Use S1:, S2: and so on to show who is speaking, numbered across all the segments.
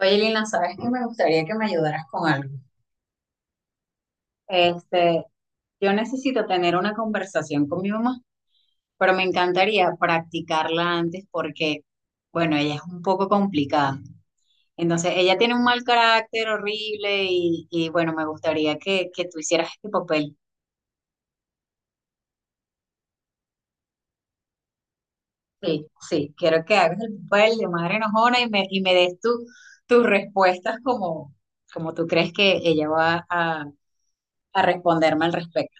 S1: Oye, Lina, ¿sabes que me gustaría que me ayudaras con algo? Este, yo necesito tener una conversación con mi mamá, pero me encantaría practicarla antes porque, bueno, ella es un poco complicada. Entonces, ella tiene un mal carácter horrible bueno, me gustaría que tú hicieras este papel. Sí, sí, quiero que hagas el papel de madre enojona y me des tus respuestas como tú crees que ella va a responderme al respecto,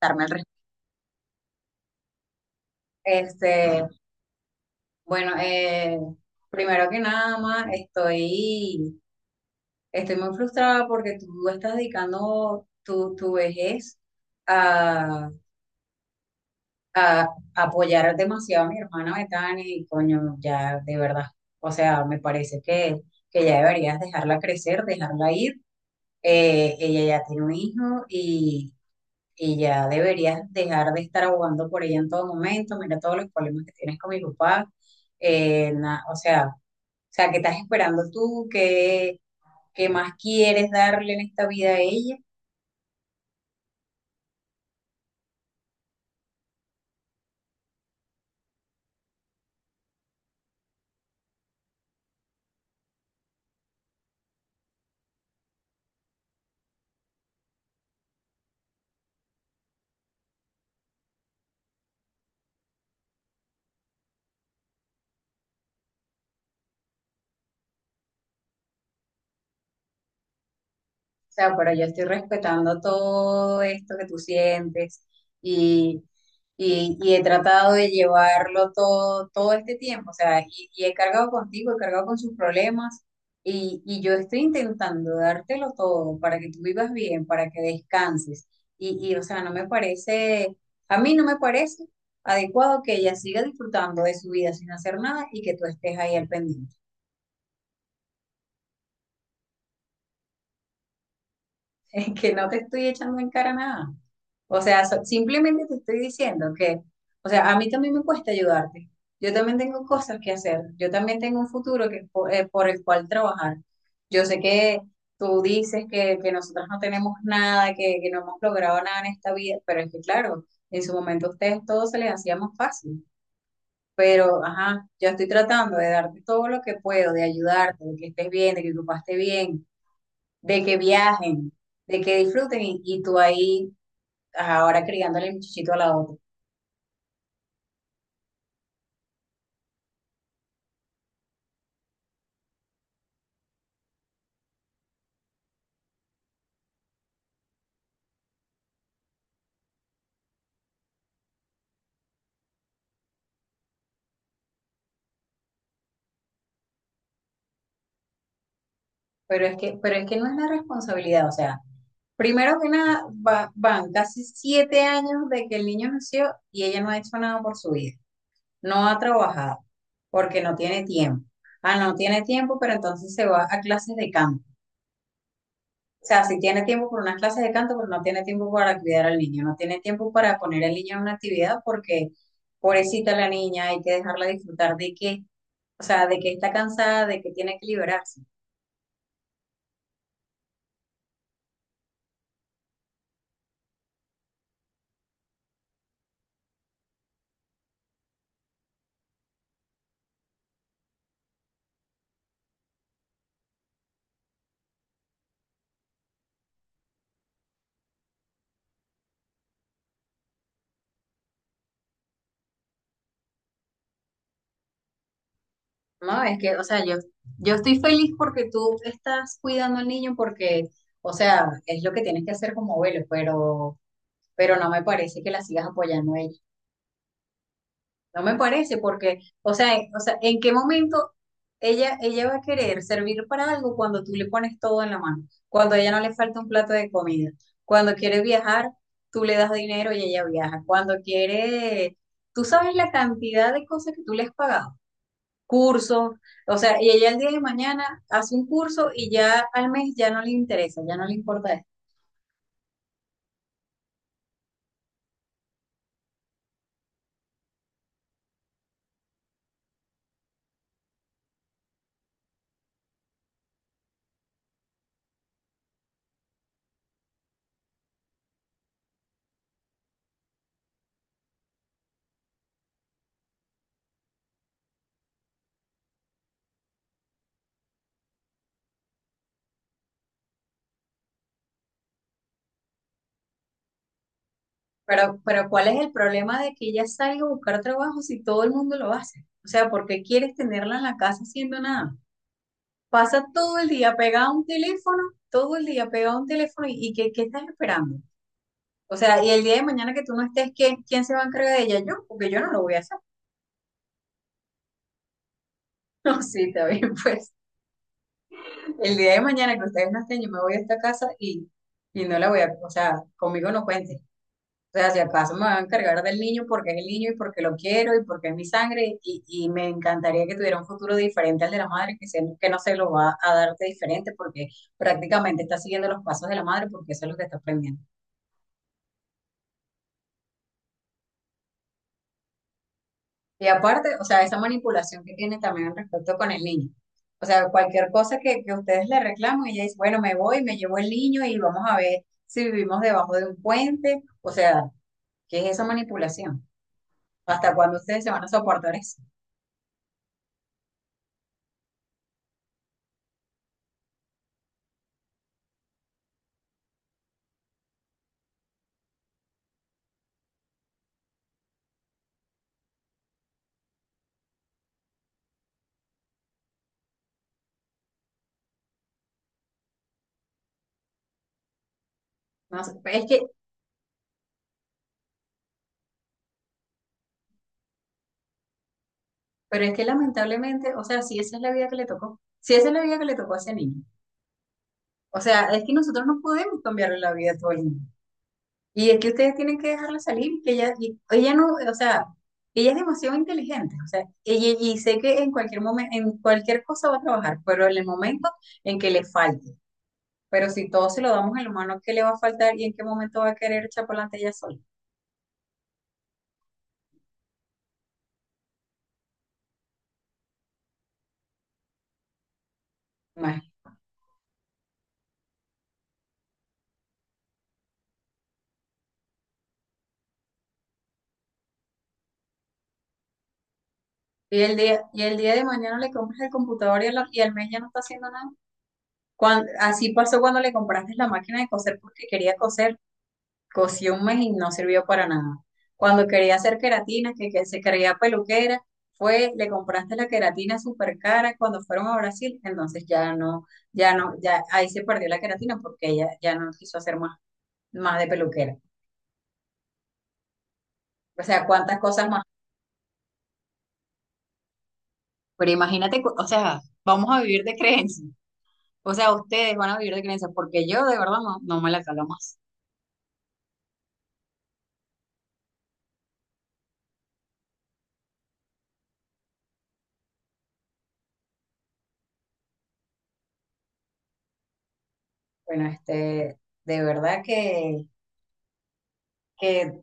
S1: darme al respecto. Este, Bueno, primero que nada más, estoy muy frustrada porque tú estás dedicando tu vejez a, a apoyar demasiado a mi hermana Betania y coño, ya de verdad, o sea, me parece que ya deberías dejarla crecer, dejarla ir. Ella ya tiene un hijo y ya deberías dejar de estar abogando por ella en todo momento. Mira todos los problemas que tienes con mi papá. O sea, ¿qué estás esperando tú? ¿Qué más quieres darle en esta vida a ella? O sea, pero yo estoy respetando todo esto que tú sientes y, y he tratado de llevarlo todo, todo este tiempo. O sea, y he cargado contigo, he cargado con sus problemas y yo estoy intentando dártelo todo para que tú vivas bien, para que descanses. O sea, no me parece, a mí no me parece adecuado que ella siga disfrutando de su vida sin hacer nada y que tú estés ahí al pendiente. Que no te estoy echando en cara nada. O sea, simplemente te estoy diciendo que, o sea, a mí también me cuesta ayudarte. Yo también tengo cosas que hacer. Yo también tengo un futuro que, por el cual trabajar. Yo sé que tú dices que nosotros no tenemos nada, que no hemos logrado nada en esta vida, pero es que, claro, en su momento a ustedes todo se les hacía más fácil. Pero, ajá, yo estoy tratando de darte todo lo que puedo, de ayudarte, de que estés bien, de que tu papá esté bien, de que viajen, de que disfruten y tú ahí ahora criándole el muchachito a la otra. Pero es que no es la responsabilidad, o sea, primero que nada, van casi 7 años de que el niño nació y ella no ha hecho nada por su vida, no ha trabajado, porque no tiene tiempo. Ah, no tiene tiempo, pero entonces se va a clases de canto. O sea, si tiene tiempo por unas clases de canto, pero no tiene tiempo para cuidar al niño, no tiene tiempo para poner al niño en una actividad porque pobrecita la niña, hay que dejarla disfrutar de que, o sea, de que está cansada, de que tiene que liberarse. No, es que, o sea, yo estoy feliz porque tú estás cuidando al niño porque, o sea, es lo que tienes que hacer como abuelo, pero no me parece que la sigas apoyando a ella. No me parece porque, o sea, o sea, ¿en qué momento ella va a querer servir para algo cuando tú le pones todo en la mano? Cuando a ella no le falta un plato de comida. Cuando quiere viajar, tú le das dinero y ella viaja. Cuando quiere, tú sabes la cantidad de cosas que tú le has pagado cursos, o sea, y ella el día de mañana hace un curso y ya al mes ya no le interesa, ya no le importa eso. Pero ¿cuál es el problema de que ella salga a buscar trabajo si todo el mundo lo hace? O sea, ¿por qué quieres tenerla en la casa haciendo nada? Pasa todo el día pegada a un teléfono, todo el día pegada a un teléfono y ¿qué estás esperando? O sea, y el día de mañana que tú no estés, ¿quién se va a encargar de ella? Yo, porque yo no lo voy a hacer. No, sí, está bien, pues. El día de mañana que ustedes no estén, yo me voy a esta casa y no la voy a, o sea, conmigo no cuente. O sea, si acaso me van a encargar del niño porque es el niño y porque lo quiero y porque es mi sangre y me encantaría que tuviera un futuro diferente al de la madre, que no se lo va a darte diferente porque prácticamente está siguiendo los pasos de la madre porque eso es lo que está aprendiendo. Y aparte, o sea, esa manipulación que tiene también respecto con el niño. O sea, cualquier cosa que ustedes le reclaman, ella dice, bueno, me voy, me llevo el niño y vamos a ver si vivimos debajo de un puente. O sea, ¿qué es esa manipulación? ¿Hasta cuándo ustedes se van a soportar eso? No sé, pero es que lamentablemente, o sea, si esa es la vida que le tocó, si esa es la vida que le tocó a ese niño. O sea, es que nosotros no podemos cambiarle la vida a todo el mundo. Y es que ustedes tienen que dejarla salir, que ella, ella no, o sea, ella es demasiado inteligente, o sea, y sé que en cualquier momento, en cualquier cosa va a trabajar, pero en el momento en que le falte, pero si todo se lo damos en la mano, ¿qué le va a faltar y en qué momento va a querer echar para adelante ella sola? Imagínate. Y el día de mañana le compras el computador y al mes ya no está haciendo nada. Así pasó cuando le compraste la máquina de coser porque quería coser. Cocí un mes y no sirvió para nada. Cuando quería hacer queratina, que se creía peluquera, le compraste la queratina súper cara cuando fueron a Brasil, entonces ya no, ya no, ya ahí se perdió la queratina porque ella ya no quiso hacer más de peluquera. O sea, cuántas cosas más. Pero imagínate, o sea, vamos a vivir de creencias. O sea, ustedes van a vivir de creencias porque yo de verdad no, no me la calo más. Bueno, de verdad que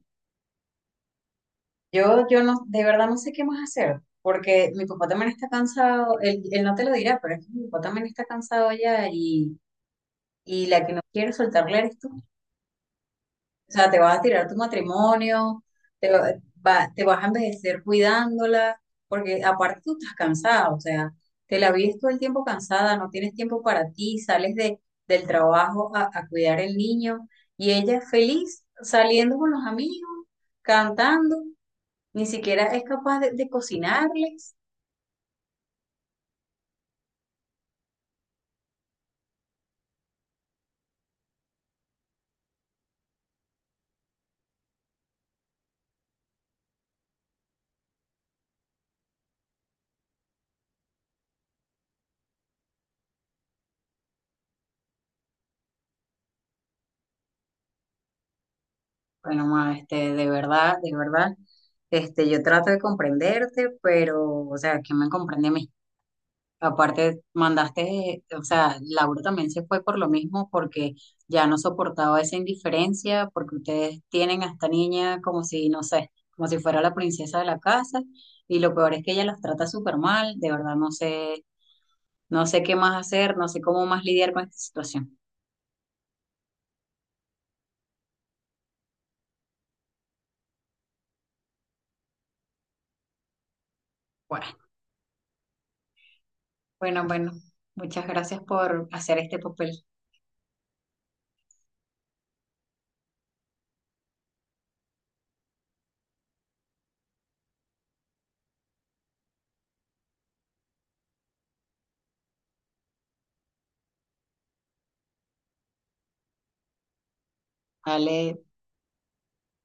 S1: yo no, de verdad no sé qué más hacer, porque mi papá también está cansado, él no te lo dirá, pero es que mi papá también está cansado ya y la que no quiere soltarle eres tú. O sea, te vas a tirar tu matrimonio, te, va, te vas a envejecer cuidándola, porque aparte tú estás cansada, o sea, te la vives todo el tiempo cansada, no tienes tiempo para ti, sales del trabajo a cuidar el niño y ella feliz saliendo con los amigos, cantando. Ni siquiera es capaz de cocinarles. Bueno, ma, de verdad, yo trato de comprenderte, pero, o sea, ¿quién me comprende a mí? Aparte, mandaste, o sea, Laura también se fue por lo mismo, porque ya no soportaba esa indiferencia, porque ustedes tienen a esta niña como si, no sé, como si fuera la princesa de la casa, y lo peor es que ella las trata súper mal, de verdad, no sé, no sé qué más hacer, no sé cómo más lidiar con esta situación. bueno bueno, muchas gracias por hacer este papel. Vale,